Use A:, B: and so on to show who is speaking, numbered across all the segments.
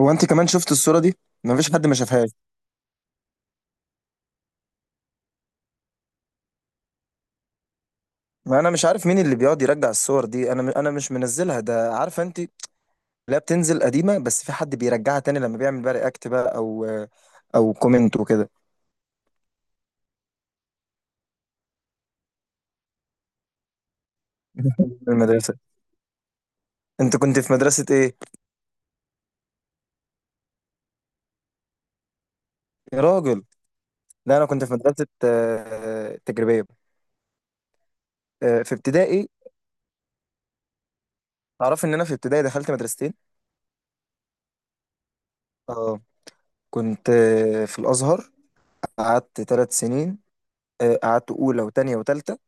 A: هو انت كمان شفت الصورة دي؟ ما فيش حد ما شافهاش. ما انا مش عارف مين اللي بيقعد يرجع الصور دي، انا مش منزلها، ده عارفه انت. لا، بتنزل قديمة، بس في حد بيرجعها تاني لما بيعمل بقى رياكت بقى او كومنت وكده. في المدرسة، انت كنت في مدرسة ايه؟ يا راجل، لا انا كنت في مدرسة تجريبية. في ابتدائي. تعرف ان انا في ابتدائي دخلت مدرستين. اه، كنت في الازهر. قعدت 3 سنين. قعدت اولى وتانية وتالتة.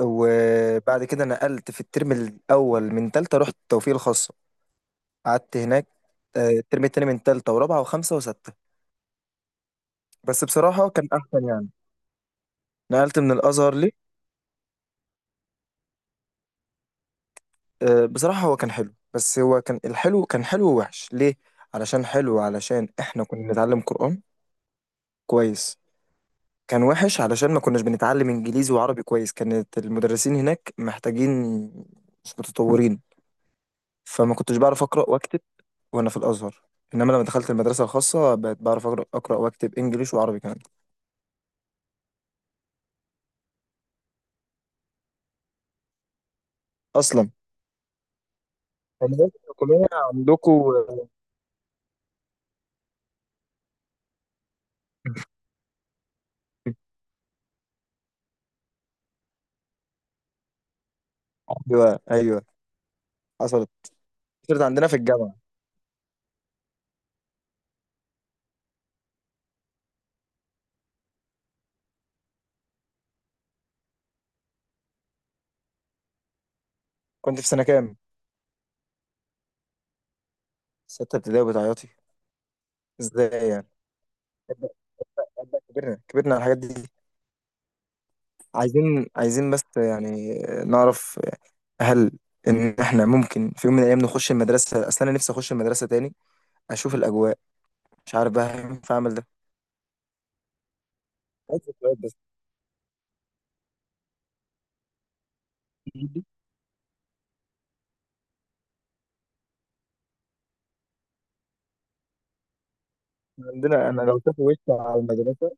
A: وبعد كده نقلت في الترم الأول من تالتة، رحت التوفيق الخاصة. قعدت هناك الترم التاني من تالتة ورابعة وخمسة وستة. بس بصراحة كان أحسن يعني. نقلت من الأزهر ليه؟ بصراحة هو كان حلو، بس هو كان الحلو كان حلو ووحش. ليه؟ علشان حلو علشان إحنا كنا بنتعلم قرآن كويس. كان وحش علشان ما كناش بنتعلم إنجليزي وعربي كويس، كانت المدرسين هناك محتاجين، مش متطورين. فما كنتش بعرف أقرأ وأكتب وانا في الازهر. انما لما دخلت المدرسه الخاصه بقيت بعرف اقرا واكتب انجليش وعربي كمان. اصلا المدارس الحكوميه عندكم. ايوه، ايوه، حصلت. صارت عندنا في الجامعه. كنت في سنه كام؟ سته ابتدائي وبتعيطي. ازاي يعني؟ أبدأ- أبدأ، كبرنا على الحاجات دي. عايزين بس يعني نعرف، هل ان احنا ممكن في يوم من الايام نخش المدرسه؟ اصل انا نفسي اخش المدرسه تاني، اشوف الاجواء، مش عارف بقى هينفع اعمل ده. عايز ذكريات. بس عندنا، انا لو شافوا وشي على المدرسه،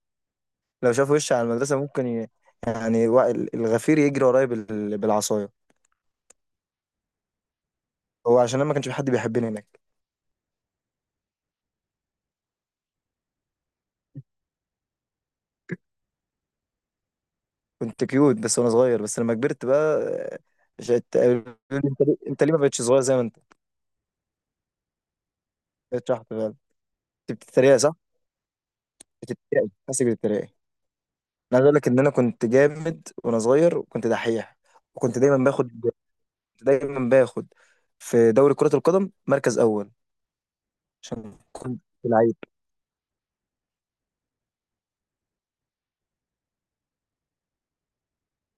A: لو شافوا وشي على المدرسه ممكن يعني الغفير يجري ورايا بالعصايه. هو عشان انا ما كانش في حد بيحبني هناك. كنت كيوت بس وانا صغير، بس لما كبرت بقى انت، ليه ما بقتش صغير زي ما انت بقيت شحط بقى؟ انت بتتريق، صح؟ بتتريق، حاسس بتتريق. انا عايز اقول لك ان انا كنت جامد وانا صغير وكنت دحيح. وكنت دايما باخد، دايما باخد في دوري كرة القدم مركز اول، عشان كنت لعيب.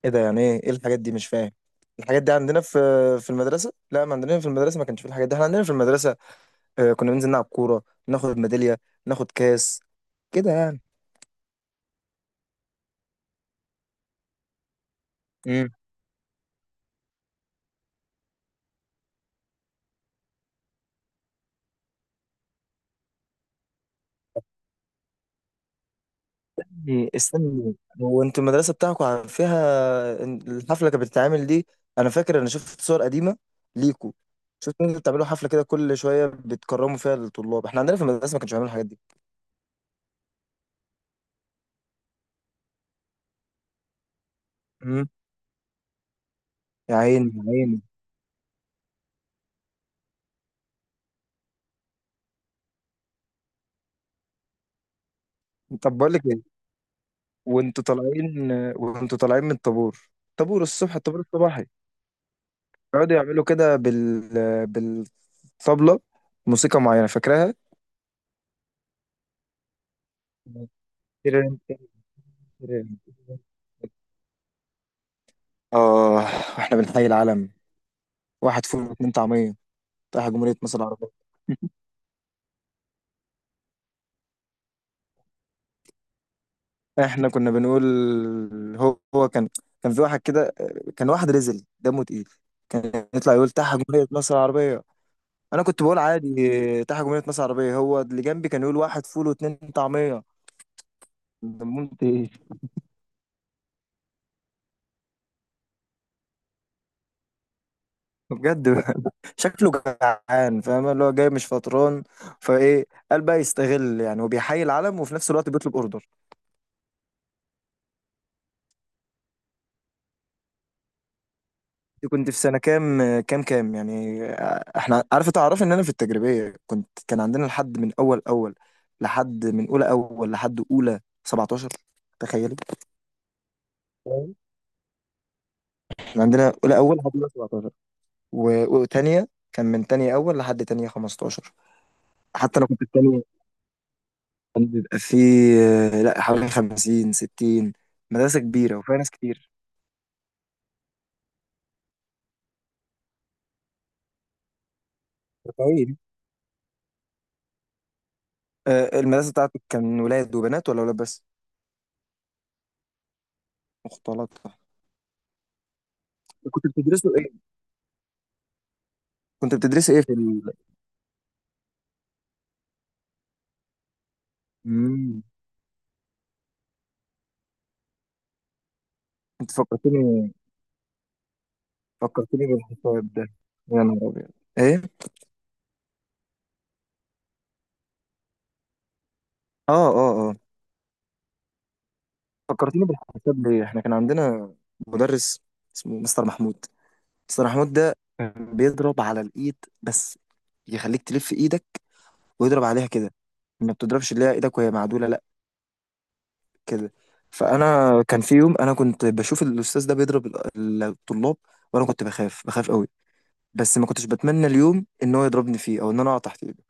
A: ايه ده يعني؟ ايه الحاجات دي؟ مش فاهم. الحاجات دي عندنا في المدرسه؟ لا، ما عندنا في المدرسه ما كانش في الحاجات دي. احنا عندنا في المدرسه كنا بننزل نلعب كوره، ناخد ميداليه، ناخد كاس، كده يعني. امم. إيه، استني، هو انتوا المدرسه بتاعكم عارف فيها إن الحفله كانت بتتعمل دي؟ انا فاكر، انا شفت صور قديمه ليكوا، شفت انتوا بتعملوا حفله كده كل شويه بتكرموا فيها الطلاب. احنا عندنا في المدرسه ما كانش بيعملوا الحاجات دي. امم. يا عيني، يا عيني. طب بقول لك إيه؟ وانتوا طالعين وانتوا طالعين من الطابور، طابور الصبح، الطابور الصباحي، يقعدوا يعملوا كده بالطبلة موسيقى معينة، فاكراها؟ تيرن- تيرن- تيرن. اه. واحنا بنحيي العلم، واحد فول واتنين طعمية، رايح جمهورية مصر العربية. احنا كنا بنقول، هو كان، كان في واحد كده، كان واحد رزل دمه تقيل، كان يطلع يقول تحت جمهورية مصر العربية. انا كنت بقول عادي تحت جمهورية مصر العربية، هو اللي جنبي كان يقول واحد فول واتنين طعمية. دمنت ايه؟ بجد. شكله جعان، فاهم؟ اللي هو جاي مش فطران، فايه قال بقى يستغل يعني، وبيحيي العلم وفي نفس الوقت بيطلب اوردر. كنت في سنه كام يعني؟ احنا عارفه، تعرف ان انا في التجريبيه كان عندنا لحد من اول اول، لحد من اولى اول لحد اولى 17. تخيلي، احنا عندنا اولى اول لحد اولى 17 وتانية. كان من تانية اول لحد تانية 15. حتى انا كنت التانية. كان بيبقى فيه لا، حوالي 50 60. مدرسة كبيرة وفيها ناس كتير، طويل. المدرسة بتاعتك كان ولاد وبنات ولا ولاد بس؟ مختلطة. كنت بتدرسوا ايه؟ كنت بتدرسي ايه في مم. انت فكرتني. فكرتني بالحساب ده. يا نهار ابيض. ايه؟ اه، اه، اه. فكرتني بالحساب ليه؟ احنا كان عندنا مدرس اسمه مستر محمود. مستر محمود ده كان بيضرب على الايد بس، يخليك تلف ايدك ويضرب عليها كده، ما بتضربش اللي هي ايدك وهي معدولة، لا، كده. فانا كان في يوم انا كنت بشوف الاستاذ ده بيضرب الطلاب، وانا كنت بخاف قوي، بس ما كنتش بتمنى اليوم ان هو يضربني فيه، او ان انا اقع تحت ايده.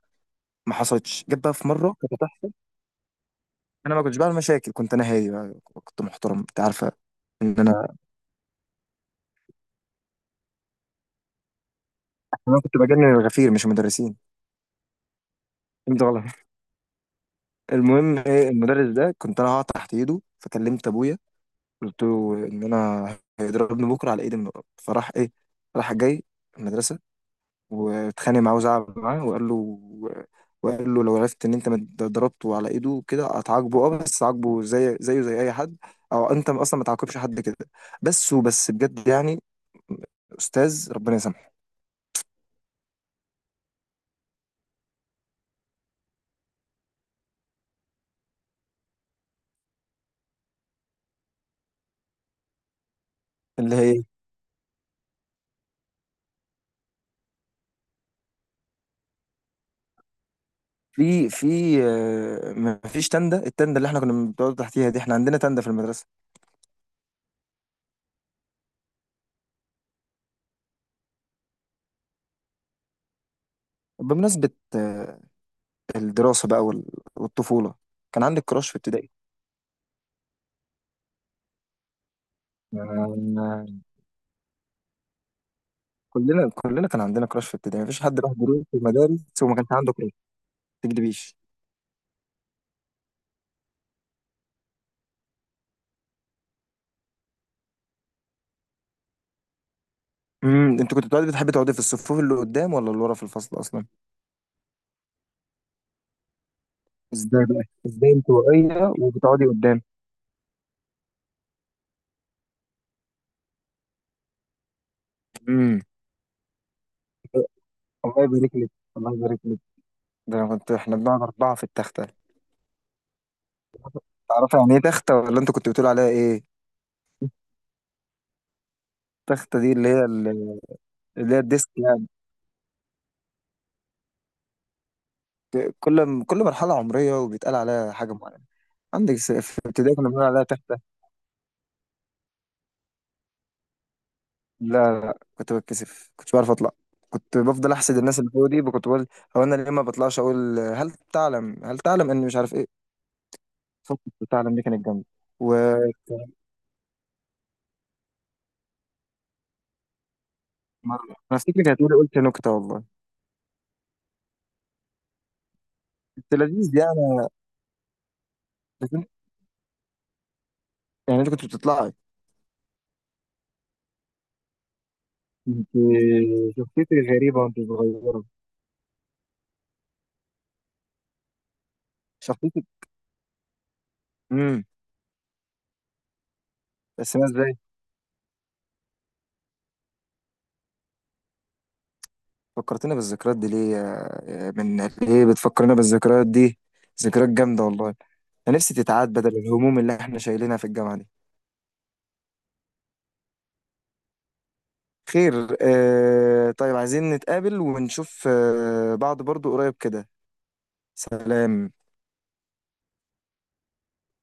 A: ما حصلتش، جت بقى في مره كانت هتحصل. انا ما كنتش بعمل مشاكل، كنت انا هادي بقى، كنت محترم، انت عارفه ان انا كنت بجنن الغفير مش المدرسين. انت غلط. المهم ايه، المدرس ده كنت انا هقع تحت ايده، فكلمت ابويا. قلت له ان انا هيضربني بكره على ايدي فراح ايه، راح جاي المدرسه واتخانق معاه وزعل معاه وقال له لو عرفت ان انت ضربته على ايده كده هتعاقبه، اه، بس عاقبه زيه زي اي حد، او انت اصلا ما تعاقبش حد كده بس. وبس بجد يعني. استاذ ربنا يسامحه. اللي هي في ما فيش تندة، التندة اللي احنا كنا بنقعد تحتيها دي، احنا عندنا تندة في المدرسة. بمناسبة آه، الدراسة بقى والطفولة، كان عندك كراش في ابتدائي؟ آه، كلنا كان عندنا كراش في ابتدائي، ما فيش حد راح دروس في المدارس وما كانش عنده. تكدبيش. انت كنت بتقعدي، بتحبي تقعدي في الصفوف اللي قدام ولا اللي ورا في الفصل اصلا؟ ازاي انطوائيه وبتقعدي قدام؟ امم. الله يبارك لك، الله يبارك لك. ده انا كنت، احنا بنقعد اربعه في التخته. تعرفي يعني ايه تخته ولا انت كنت بتقول عليها ايه؟ التخته دي اللي هي اللي هي الديسك يعني. كل مرحله عمريه وبيتقال عليها حاجه معينه. عندك في ابتدائي كنا بنقول عليها تخته. كنت بتكسف، كنتش بعرف اطلع. كنت بفضل احسد الناس اللي فوق دي، كنت بقول هو انا ليه ما بطلعش اقول هل تعلم، هل تعلم اني مش عارف ايه. فكرة تعلم دي كانت جامده. ومره، انا افتكر كانت مره قلت نكته والله. كنت لذيذ يعني، عارف انت؟ يعني انت كنت بتطلعي. انت شخصيتك غريبه وانت صغيره. شخصيتك. امم. بس انا ازاي فكرتنا بالذكريات دي، ليه يا- من، ليه بتفكرنا بالذكريات دي؟ ذكريات جامده والله، انا نفسي تتعاد بدل الهموم اللي احنا شايلينها في الجامعه دي. خير. طيب، عايزين نتقابل ونشوف بعض برضو قريب كده. سلام.